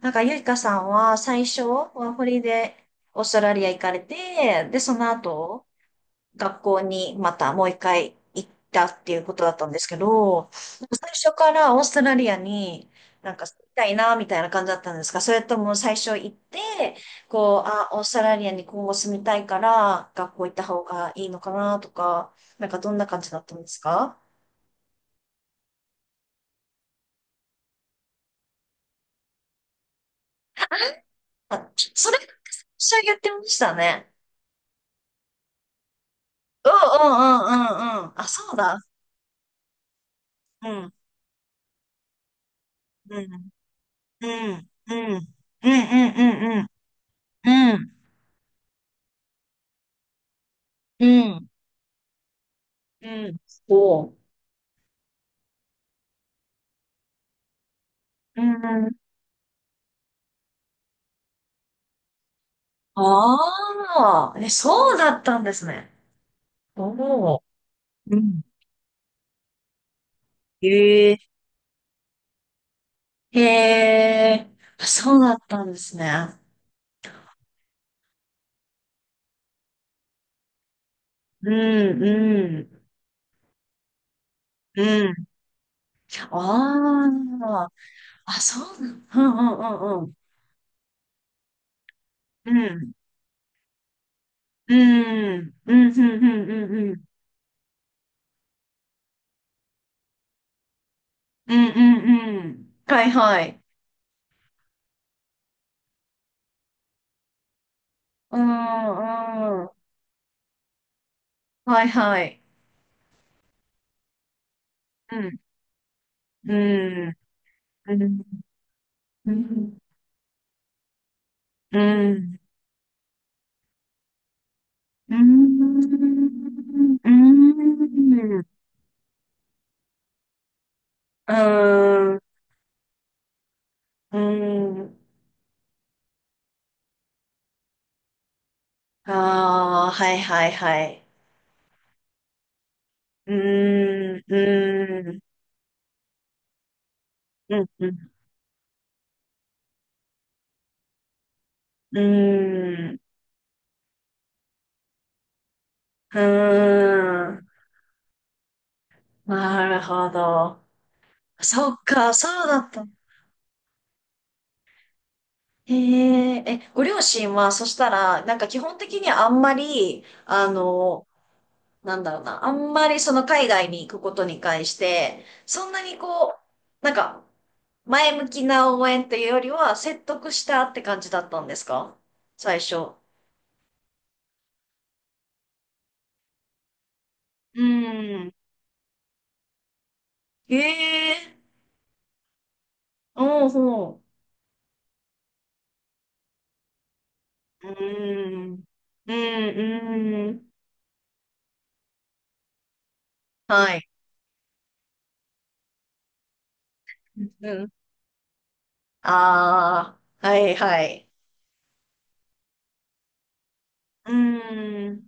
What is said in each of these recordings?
なんか、ゆいかさんは最初、ワーホリでオーストラリア行かれて、で、その後、学校にまたもう一回行ったっていうことだったんですけど、最初からオーストラリアになんか行きたいな、みたいな感じだったんですか？それとも最初行って、こう、あ、オーストラリアに今後住みたいから、学校行った方がいいのかな、とか、なんかどんな感じだったんですか？あ、それ、最初言ってましたね。うんうんうんうんうん。あ、そうだ。うん、うん、うん、うん、うん、うん、うん、うん、うん、うん、うん、そう。うん。ああ、え、そうだったんですね。おお。うん。へえ、へえ、あ、そうだったんですね。うん、うん、うん。ああ、あ、そうなん、うん、うん、うん、うん。うん、うん、うん、うん、うん、うん、うん、うん。うん、はい、はい。うん、うん。はいはい。うん。うん。うん。うん。うん。うん。うん。うん。うん、ああー、はいはいはい。うーん。うーん。うん。うん。うーん。うーん、なるほど。そっか、そうだった。へえ、え、ご両親は、そしたら、なんか基本的にあんまり、なんだろうな、あんまりその海外に行くことに関して、そんなにこう、なんか、前向きな応援というよりは、説得したって感じだったんですか、最初？うん、へえ、おうほう。うん、うん、うん。はい。うん。ああ、はいはい。うーん、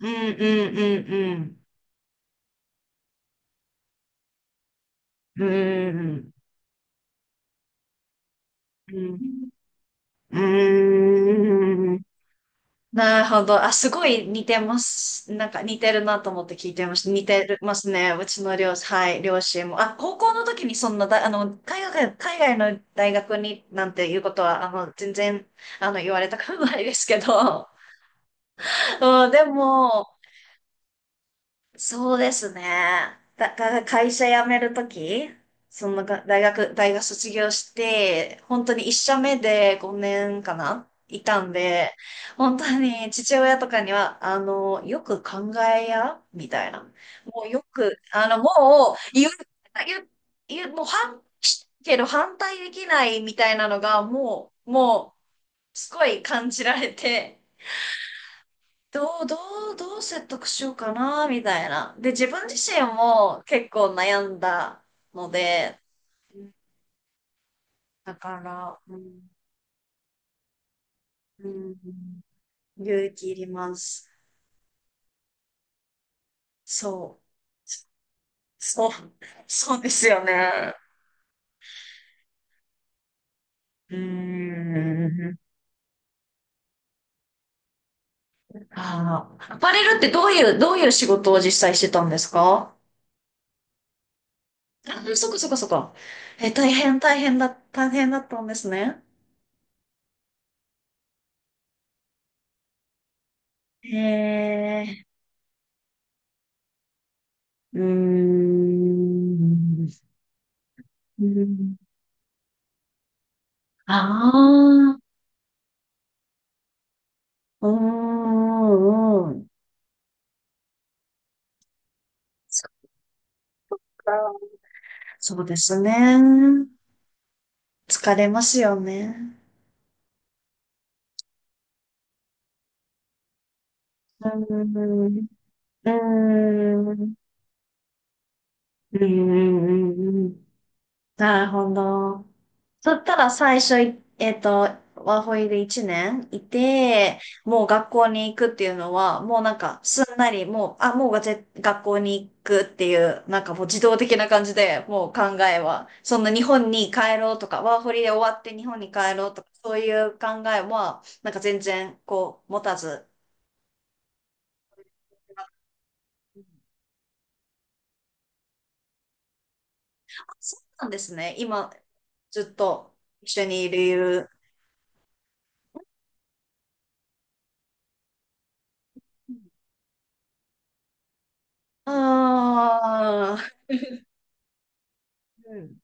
うん、うん、うん、うん、うーん、うん、うーん。なるほど。あ、すごい似てます。なんか似てるなと思って聞いてました。似てるますね。うちの両、はい、両親も。あ、高校の時にそんなだ、海外、の大学になんていうことは、全然、言われたくないですけど。うん、でも、そうですね。だから会社辞めるとき、そのが大学卒業して、本当に一社目で5年かないたんで、本当に父親とかには、よく考えや、みたいな。もうよく、もう言う、言う、もう反、けど反対できないみたいなのが、もう、すごい感じられて、どう、どどう説得しようかな、みたいな。で、自分自身も結構悩んだので、だから、うん、うん、勇気いります。そう、そう、そうですよね。うーん。ああ、アパレルってどういう、どういう仕事を実際してたんですか？あ、そっかそっかそっか。え、大変だったんですね。へえ、うーん。うーん、ああ、うーん、うん。そっか。そうですね。疲れますよね。うん、うん、うーん、うーん、うーん。なるほど。そしたら最初い、えっと、ワーホイで1年いて、もう学校に行くっていうのは、もうなんかすんなり、もう、あ、もうがぜ学校に行くっていう、なんかもう自動的な感じで、もう考えは、そんな日本に帰ろうとか、ワーホリで終わって日本に帰ろうとか、そういう考えは、なんか全然こう持たず、あ、そうなんですね。今、ずっと一緒にいる。ああー、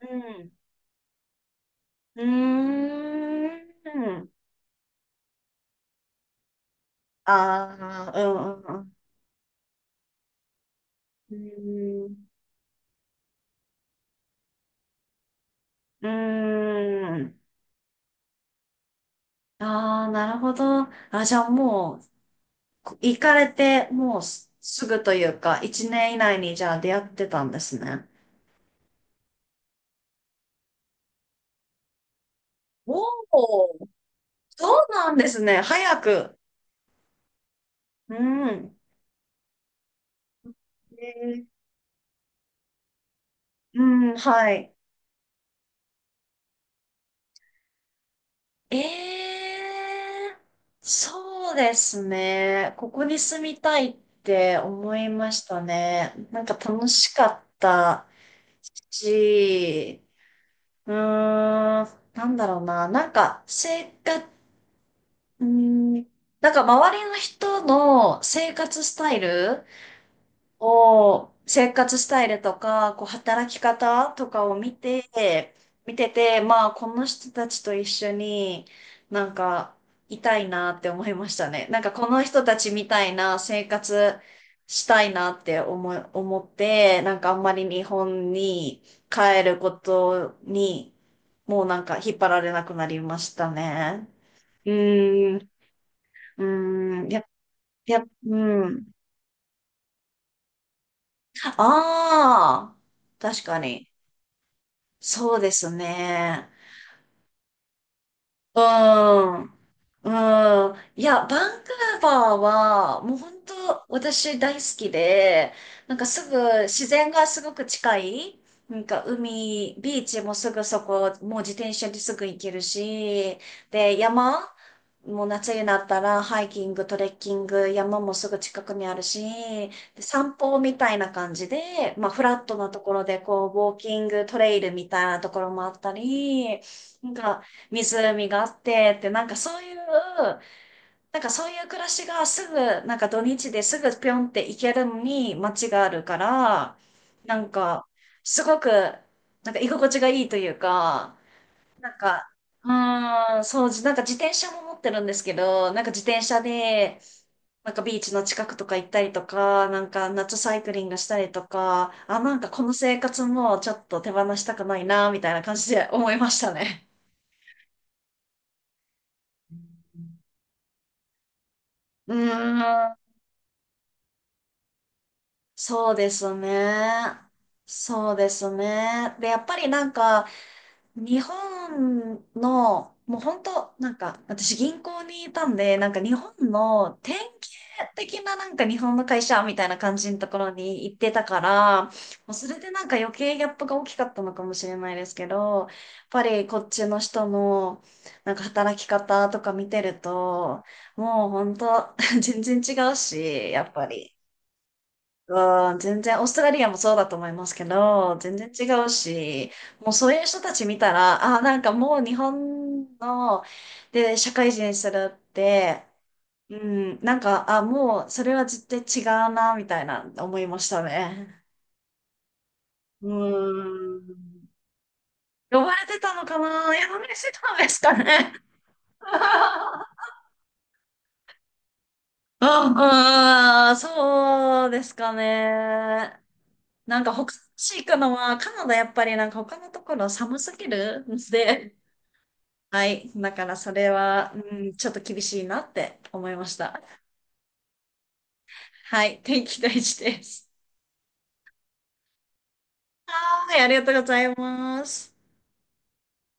うんうん。うーん。ああ、うんうんうん。うーん。うーん。ああ、なるほど。あ、じゃあもう、こ行かれて、もうすすぐというか、1年以内にじゃあ出会ってたんですね。おお、そうなんですね。早く。うん。えー、うん、はい。ええ、そうですね。ここに住みたいって思いましたね。なんか楽しかったし、うーん、なんだろうな。なんか生活、うーん、なんか周りの人の生活スタイルを、生活スタイルとか、こう、働き方とかを見て、見てて、まあ、この人たちと一緒になんか、いたいなって思いましたね。なんか、この人たちみたいな生活したいなって思って、なんか、あんまり日本に帰ることに、もうなんか、引っ張られなくなりましたね。うーん、うーん、や、や、うん。ああ、確かに。そうですね。うん。うん。いや、バンクーバーは、もう本当、私大好きで、なんかすぐ、自然がすごく近い、なんか海、ビーチもすぐそこ、もう自転車ですぐ行けるし、で、山、もう夏になったら、ハイキング、トレッキング、山もすぐ近くにあるし、で散歩みたいな感じで、まあ、フラットなところで、こう、ウォーキング、トレイルみたいなところもあったり、なんか、湖があってって、なんかそういう、なんかそういう暮らしがすぐ、なんか土日ですぐぴょんって行けるのに街があるから、なんか、すごく、なんか居心地がいいというか、なんか、うーん、そう、じなんか自転車も持ってるんですけど、なんか自転車で、なんかビーチの近くとか行ったりとか、なんか夏サイクリングしたりとか、あ、なんかこの生活もちょっと手放したくないな、みたいな感じで思いましたね。うーん。そうですね。そうですね。で、やっぱりなんか、日本の、もう本当、なんか、私銀行にいたんで、なんか日本の典型的ななんか日本の会社みたいな感じのところに行ってたから、もうそれでなんか余計ギャップが大きかったのかもしれないですけど、やっぱりこっちの人のなんか働き方とか見てると、もう本当、全然違うし、やっぱり。うん、全然、オーストラリアもそうだと思いますけど、全然違うし、もうそういう人たち見たら、ああ、なんかもう日本の、で、社会人するって、うん、なんか、あ、もうそれは絶対違うな、みたいな思いましたね。うん。呼ばれてたのかな？呼ばれてたんですかね？あ、うん、そうですかね。なんか他の市行くのは、カナダやっぱりなんか他のところ寒すぎるんで、はい。だからそれは、うん、ちょっと厳しいなって思いました。はい。天気大事です。はーい。ありがとうございます。